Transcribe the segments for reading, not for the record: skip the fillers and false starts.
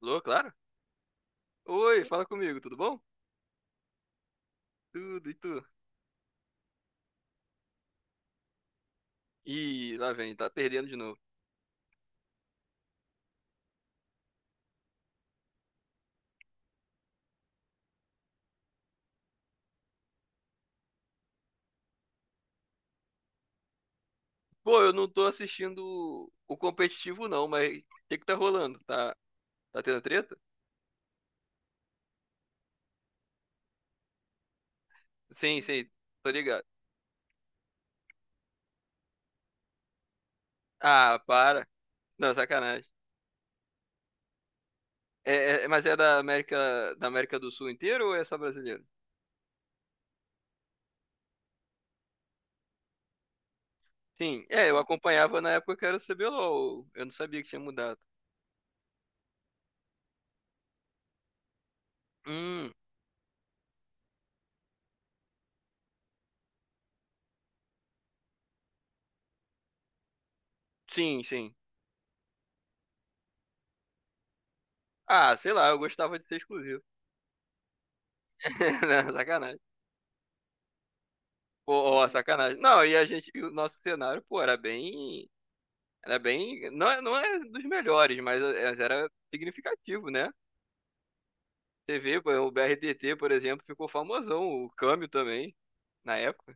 Alô, claro? Oi, fala comigo, tudo bom? Tudo, e tu? Ih, lá vem, tá perdendo de novo. Pô, eu não tô assistindo o competitivo não, mas o que que tá rolando? Tá, tá tendo treta? Sim, sim, tô ligado. Ah, para. Não, sacanagem. É, mas é da América do Sul inteira ou é só brasileiro? Sim, eu acompanhava na época que era o CBLOL, eu não sabia que tinha mudado. Hum, sim, sim. Ah, sei lá, eu gostava de ser exclusivo. Não, sacanagem. Pô, ó, sacanagem. Não, e a gente, e o nosso cenário, pô, era bem, não, não é dos melhores, mas era significativo, né? Você vê, pô, o BRTT, por exemplo, ficou famosão, o Câmbio também, na época.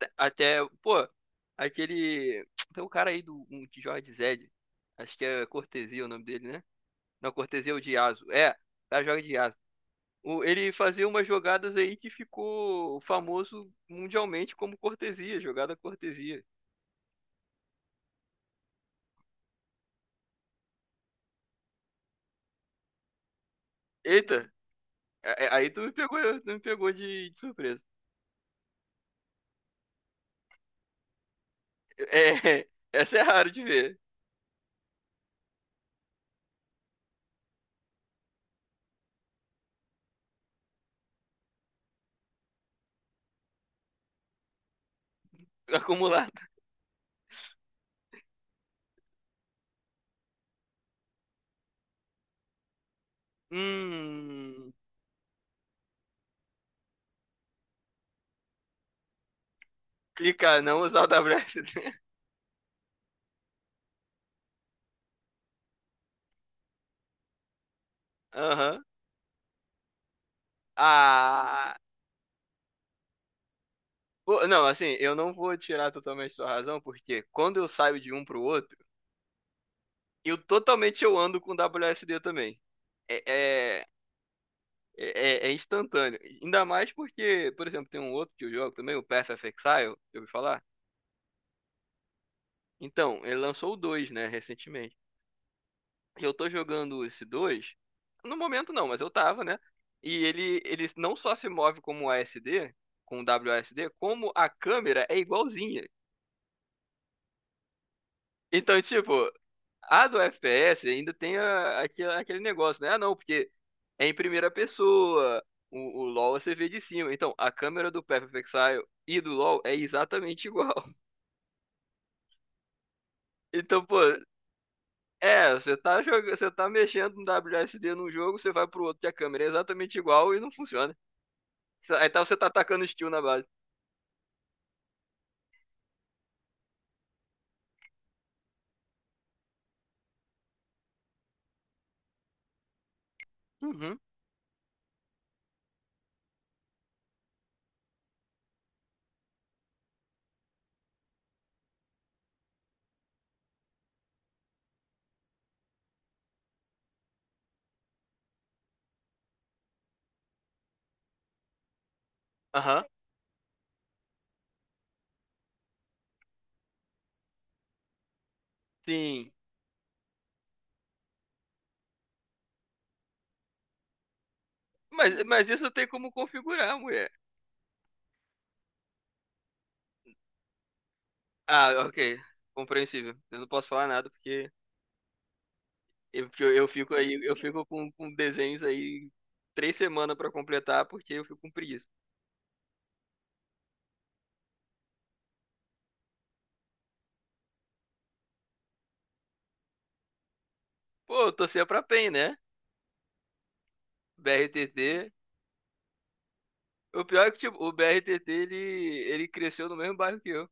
Até, até, pô, aquele, tem um cara aí do um, que joga de Zed, acho que é Cortesia o nome dele, né? Não, Cortesia é o de Yasuo, o cara joga de Yasuo. Ele fazia umas jogadas aí que ficou famoso mundialmente como cortesia, jogada cortesia. Eita, aí tu me pegou de surpresa. É, essa é raro de ver. Acumulada. Hum. Clica não usar o WSD. Aham. Ah. Pô, não, assim, eu não vou tirar totalmente sua razão, porque quando eu saio de um pro outro, eu totalmente eu ando com WSD também. É, é, é instantâneo. Ainda mais porque, por exemplo, tem um outro que eu jogo também, o Path of Exile, eu ouvi falar. Então, ele lançou o 2, né, recentemente. E eu tô jogando esse 2 no momento não, mas eu tava, né? E ele não só se move como ASD, com WASD, como a câmera é igualzinha. Então, tipo, a do FPS ainda tem aquele negócio, né? Ah, não, porque é em primeira pessoa. O LoL você vê de cima. Então, a câmera do Path of Exile e do LoL é exatamente igual. Então, pô, você tá jogando, você tá mexendo no WSD num jogo, você vai pro outro que a câmera é exatamente igual e não funciona. Então você tá atacando estilo na base. Uhum. Aham. Sim. Mas, isso tem como configurar, mulher. Ah, ok. Compreensível. Eu não posso falar nada porque eu fico aí, eu fico com desenhos aí 3 semanas pra completar porque eu fico com preguiça. Pô, eu torcia pra PEN, né? BRTT. O pior é que tipo, o BRTT ele cresceu no mesmo bairro que eu.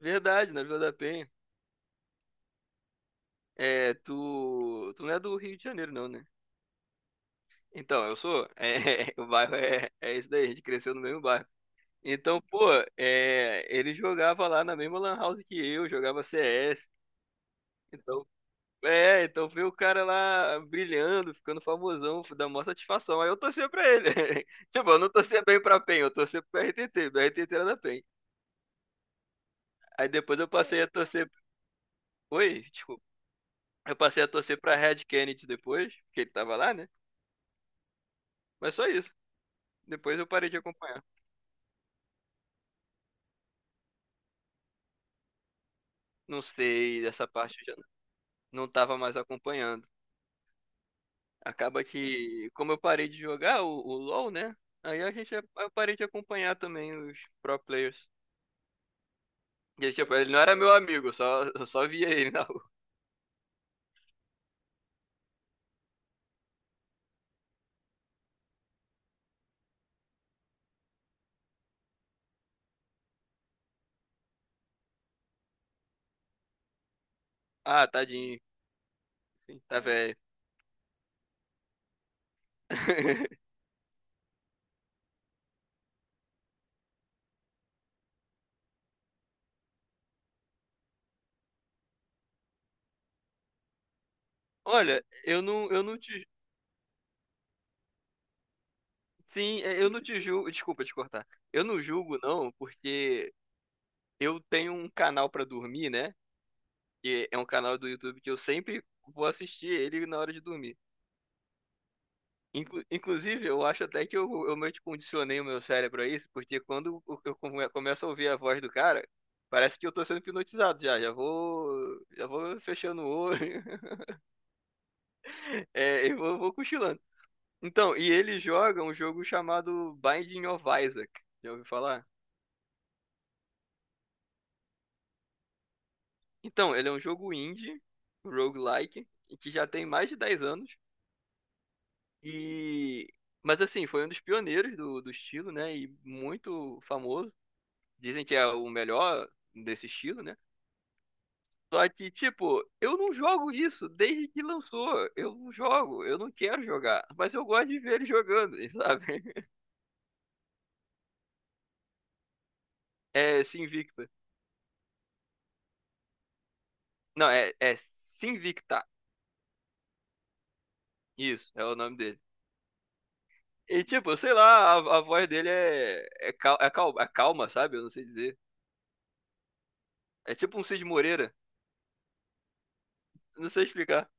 Verdade, na Vila da Penha. É, tu não é do Rio de Janeiro, não, né? Então, eu sou. É, o bairro é isso daí, a gente cresceu no mesmo bairro. Então, pô, ele jogava lá na mesma lan house que eu, jogava CS. Então, então, ver o cara lá brilhando, ficando famosão, dá maior satisfação. Aí eu torcia pra ele. Tipo, eu não torcia bem pra PEN, eu torcia pro RTT, meu RTT era da PEN. Aí depois eu passei a torcer. Oi, desculpa. Eu passei a torcer pra Red Kennedy depois, porque ele tava lá, né? Mas só isso. Depois eu parei de acompanhar. Não sei, essa parte. Não tava mais acompanhando. Acaba que, como eu parei de jogar o LoL, né? Aí a gente, eu parei de acompanhar também os pro players. E, tipo, ele não era meu amigo, eu só via ele na rua. Ah, tadinho. Sim, tá velho. Olha, eu não te, sim, eu não te julgo, desculpa te cortar. Eu não julgo não, porque eu tenho um canal pra dormir, né? Que é um canal do YouTube que eu sempre vou assistir ele na hora de dormir. Inclusive, eu acho até que eu meio que condicionei o meu cérebro a isso, porque quando eu começo a ouvir a voz do cara, parece que eu tô sendo hipnotizado já, já vou fechando o olho, e vou cochilando. Então, e ele joga um jogo chamado Binding of Isaac, já ouviu falar? Então, ele é um jogo indie, roguelike, que já tem mais de 10 anos, e... Mas assim, foi um dos pioneiros do estilo, né, e muito famoso. Dizem que é o melhor desse estilo, né? Só que, tipo, eu não jogo isso desde que lançou. Eu não jogo, eu não quero jogar. Mas eu gosto de ver ele jogando, sabe? É Sinvicta. Não, é Sinvicta. Isso, é o nome dele. E, tipo, sei lá, a voz dele é calma, sabe? Eu não sei dizer. É tipo um Cid Moreira. Não sei explicar.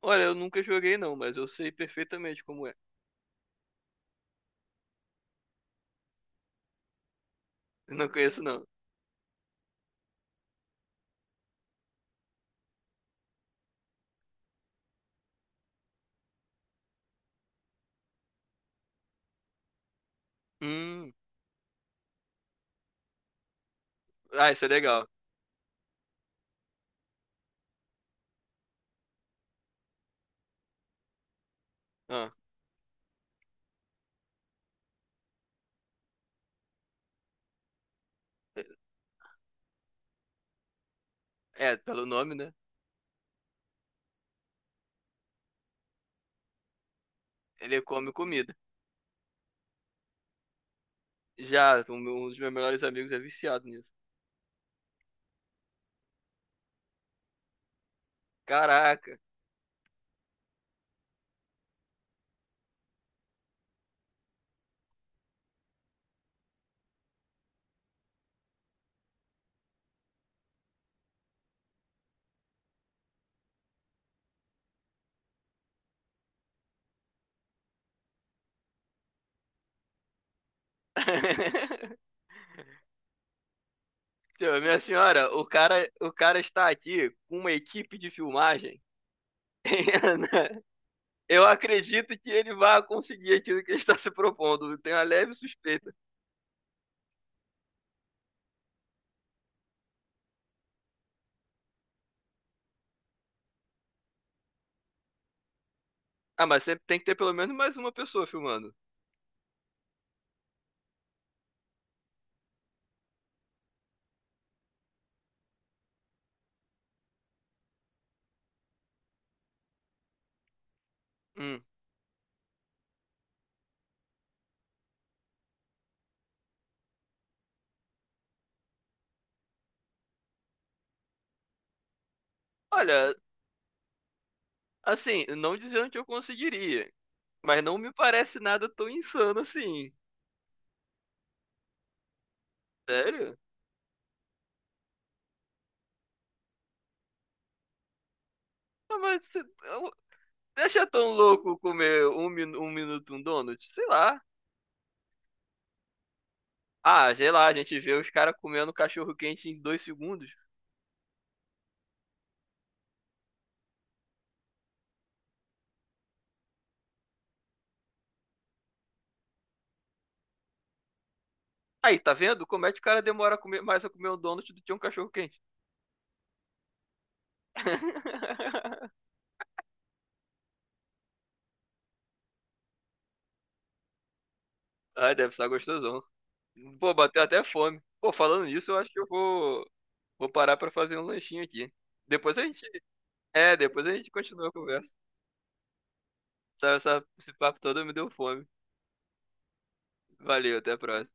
Olha, eu nunca joguei, não, mas eu sei perfeitamente como é. Eu não conheço, não. Hum. Ah, isso é legal. Ah, é, pelo nome, né? Ele come comida. Já, um dos meus melhores amigos é viciado nisso. Caraca. Então, minha senhora, o cara está aqui com uma equipe de filmagem. Eu acredito que ele vai conseguir aquilo que ele está se propondo. Eu tenho uma leve suspeita. Ah, mas sempre tem que ter pelo menos mais uma pessoa filmando. Hum. Olha, assim, não dizendo que eu conseguiria, mas não me parece nada tão insano assim. Sério? Ah, mas deixa tão louco comer um minuto um donut? Sei lá. Ah, sei lá, a gente vê os caras comendo cachorro quente em 2 segundos. Aí, tá vendo? Como é que o cara demora a mais a comer um donut do que um cachorro quente? Ai, deve estar gostosão. Pô, bateu até fome. Pô, falando nisso, eu acho que eu vou, vou parar pra fazer um lanchinho aqui. Depois a gente. É, depois a gente continua a conversa. Esse papo todo me deu fome. Valeu, até a próxima.